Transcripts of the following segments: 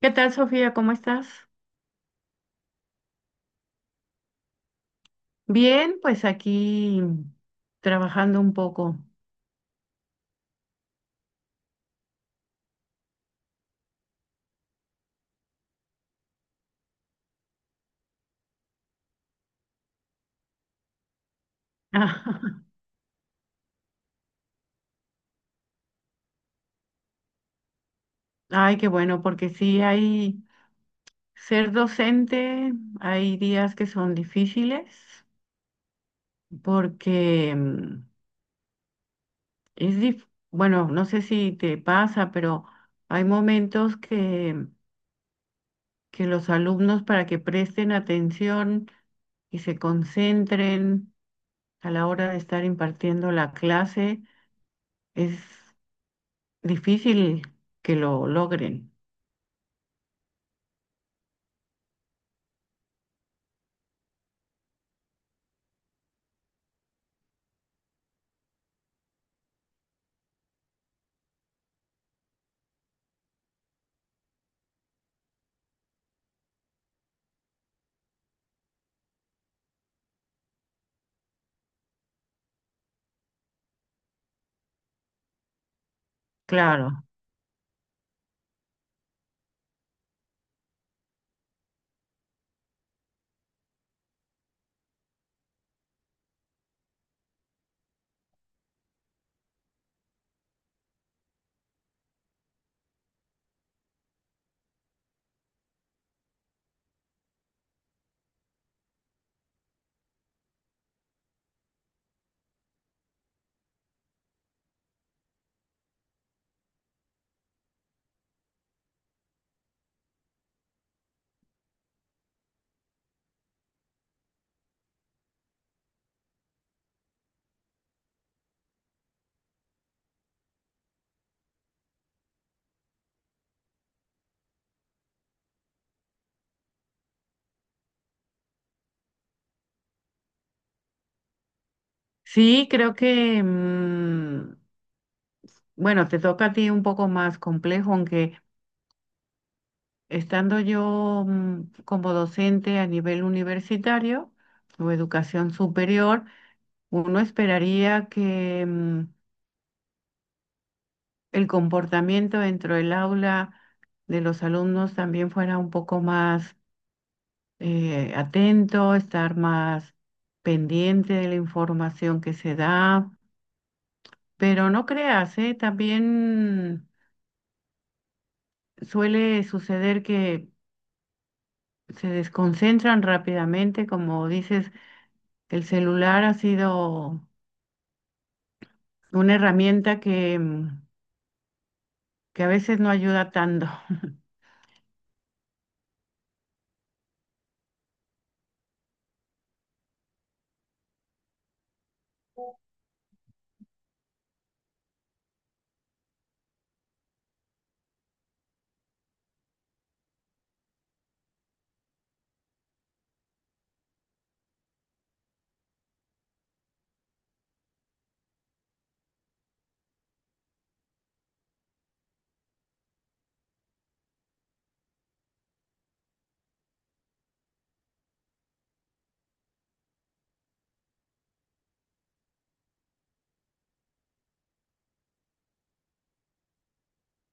¿Qué tal, Sofía? ¿Cómo estás? Bien, pues aquí trabajando un poco. Ay, qué bueno, porque sí hay ser docente, hay días que son difíciles, porque es dif- bueno, no sé si te pasa, pero hay momentos que los alumnos para que presten atención y se concentren a la hora de estar impartiendo la clase es difícil que lo logren, claro. Sí, creo que, bueno, te toca a ti un poco más complejo, aunque estando yo como docente a nivel universitario o educación superior, uno esperaría que el comportamiento dentro del aula de los alumnos también fuera un poco más atento, estar más pendiente de la información que se da. Pero no creas, ¿eh? También suele suceder que se desconcentran rápidamente, como dices, el celular ha sido una herramienta que a veces no ayuda tanto.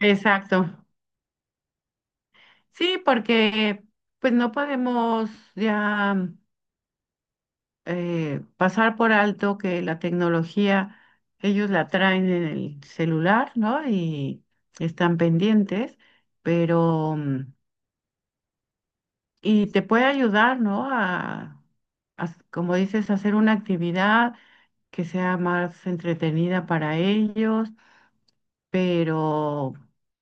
Exacto. Sí, porque pues no podemos ya pasar por alto que la tecnología, ellos la traen en el celular, ¿no? Y están pendientes, pero y te puede ayudar, ¿no? Como dices, hacer una actividad que sea más entretenida para ellos, pero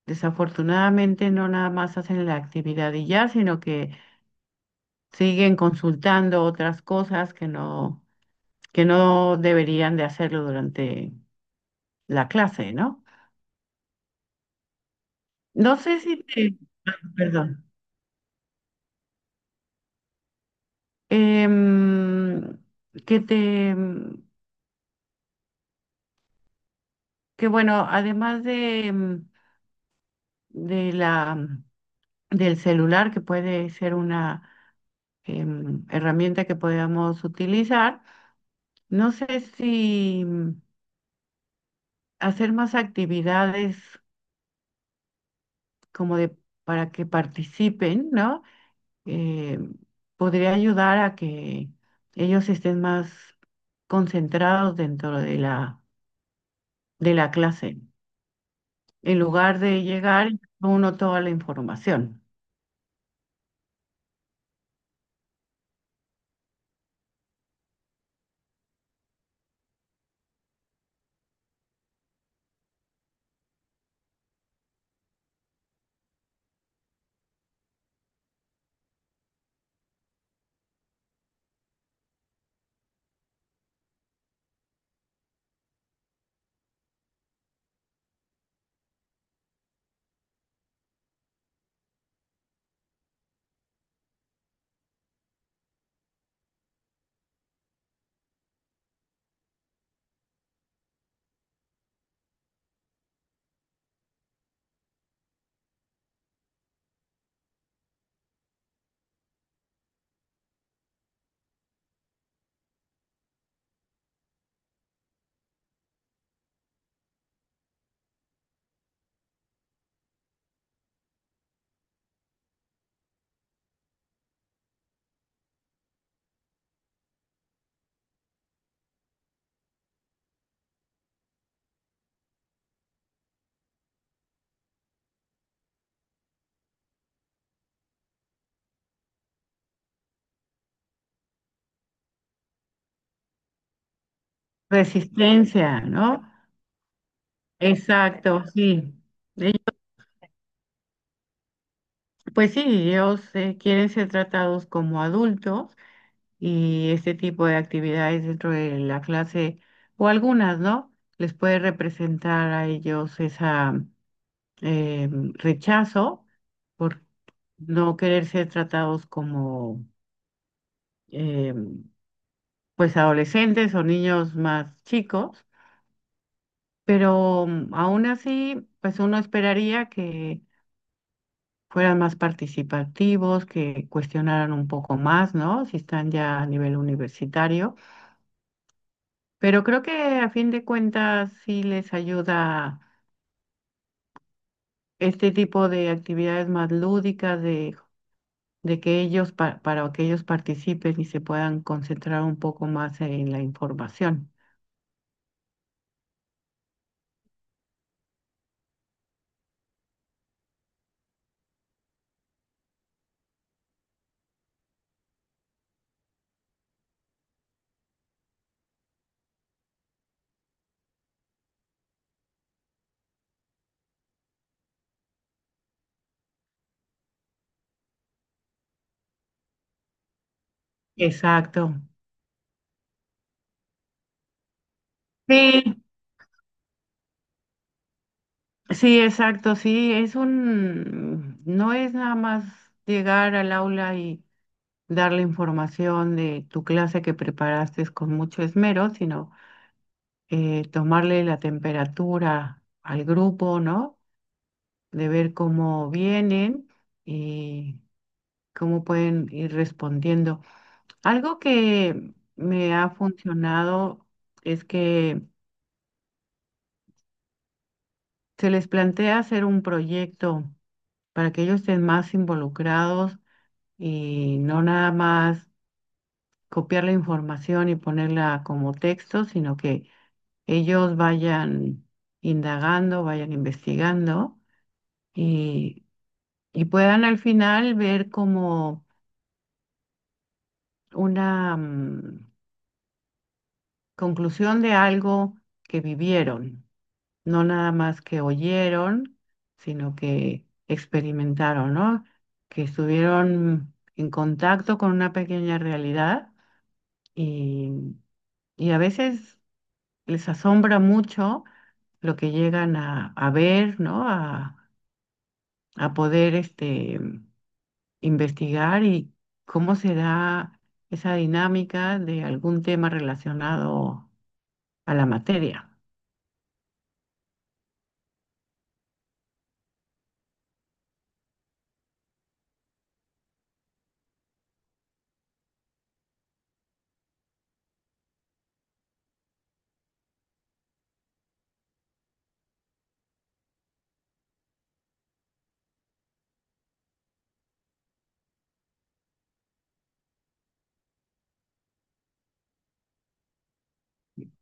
desafortunadamente no nada más hacen la actividad y ya, sino que siguen consultando otras cosas que no deberían de hacerlo durante la clase, ¿no? No sé si te. Ah, perdón. Em, que te... Que bueno, además de... em, de la, del celular, que puede ser una herramienta que podamos utilizar. No sé si hacer más actividades como de para que participen, ¿no? Eh, Podría ayudar a que ellos estén más concentrados dentro de la clase, en lugar de llegar uno toda la información. Resistencia, ¿no? Exacto, sí. Pues sí, ellos quieren ser tratados como adultos y este tipo de actividades dentro de la clase, o algunas, ¿no? Les puede representar a ellos esa eh, rechazo por no querer ser tratados como eh, pues adolescentes o niños más chicos, pero aún así, pues uno esperaría que fueran más participativos, que cuestionaran un poco más, ¿no? Si están ya a nivel universitario. Pero creo que a fin de cuentas sí les ayuda este tipo de actividades más lúdicas, de que ellos, para que ellos participen y se puedan concentrar un poco más en la información. Exacto. Sí, sí, exacto, sí, no es nada más llegar al aula y dar la información de tu clase que preparaste con mucho esmero, sino tomarle la temperatura al grupo, ¿no? De ver cómo vienen y cómo pueden ir respondiendo. Algo que me ha funcionado es que se les plantea hacer un proyecto para que ellos estén más involucrados y no nada más copiar la información y ponerla como texto, sino que ellos vayan indagando, vayan investigando y, y puedan al final ver como una conclusión de algo que vivieron, no nada más que oyeron, sino que experimentaron, ¿no? Que estuvieron en contacto con una pequeña realidad y, y a veces les asombra mucho lo que llegan a ver, ¿no? A poder investigar y cómo se da esa dinámica de algún tema relacionado a la materia.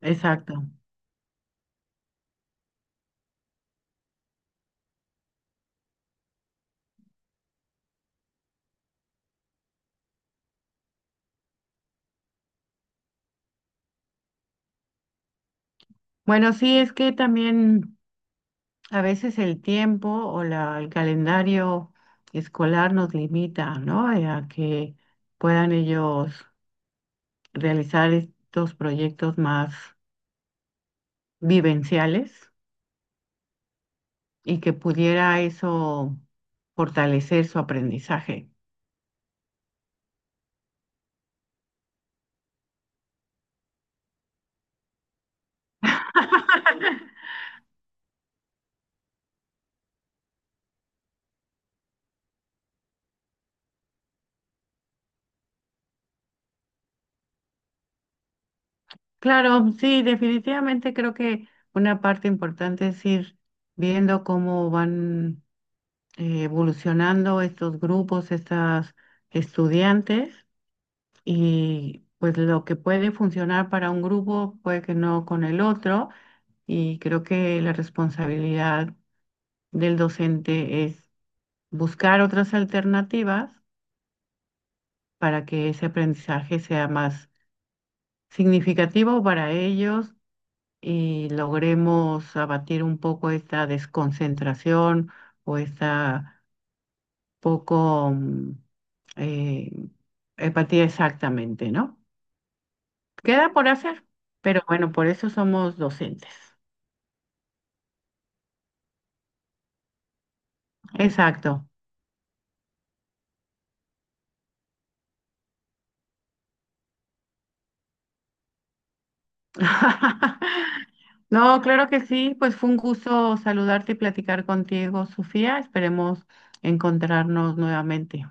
Exacto. Bueno, sí, es que también a veces el tiempo o el calendario escolar nos limita, ¿no? A que puedan ellos realizar estos proyectos más vivenciales y que pudiera eso fortalecer su aprendizaje. Claro, sí, definitivamente creo que una parte importante es ir viendo cómo van evolucionando estos grupos, estas estudiantes, y pues lo que puede funcionar para un grupo puede que no con el otro, y creo que la responsabilidad del docente es buscar otras alternativas para que ese aprendizaje sea más significativo para ellos y logremos abatir un poco esta desconcentración o esta poco eh, empatía exactamente, ¿no? Queda por hacer, pero bueno, por eso somos docentes. Exacto. No, claro que sí, pues fue un gusto saludarte y platicar contigo, Sofía. Esperemos encontrarnos nuevamente.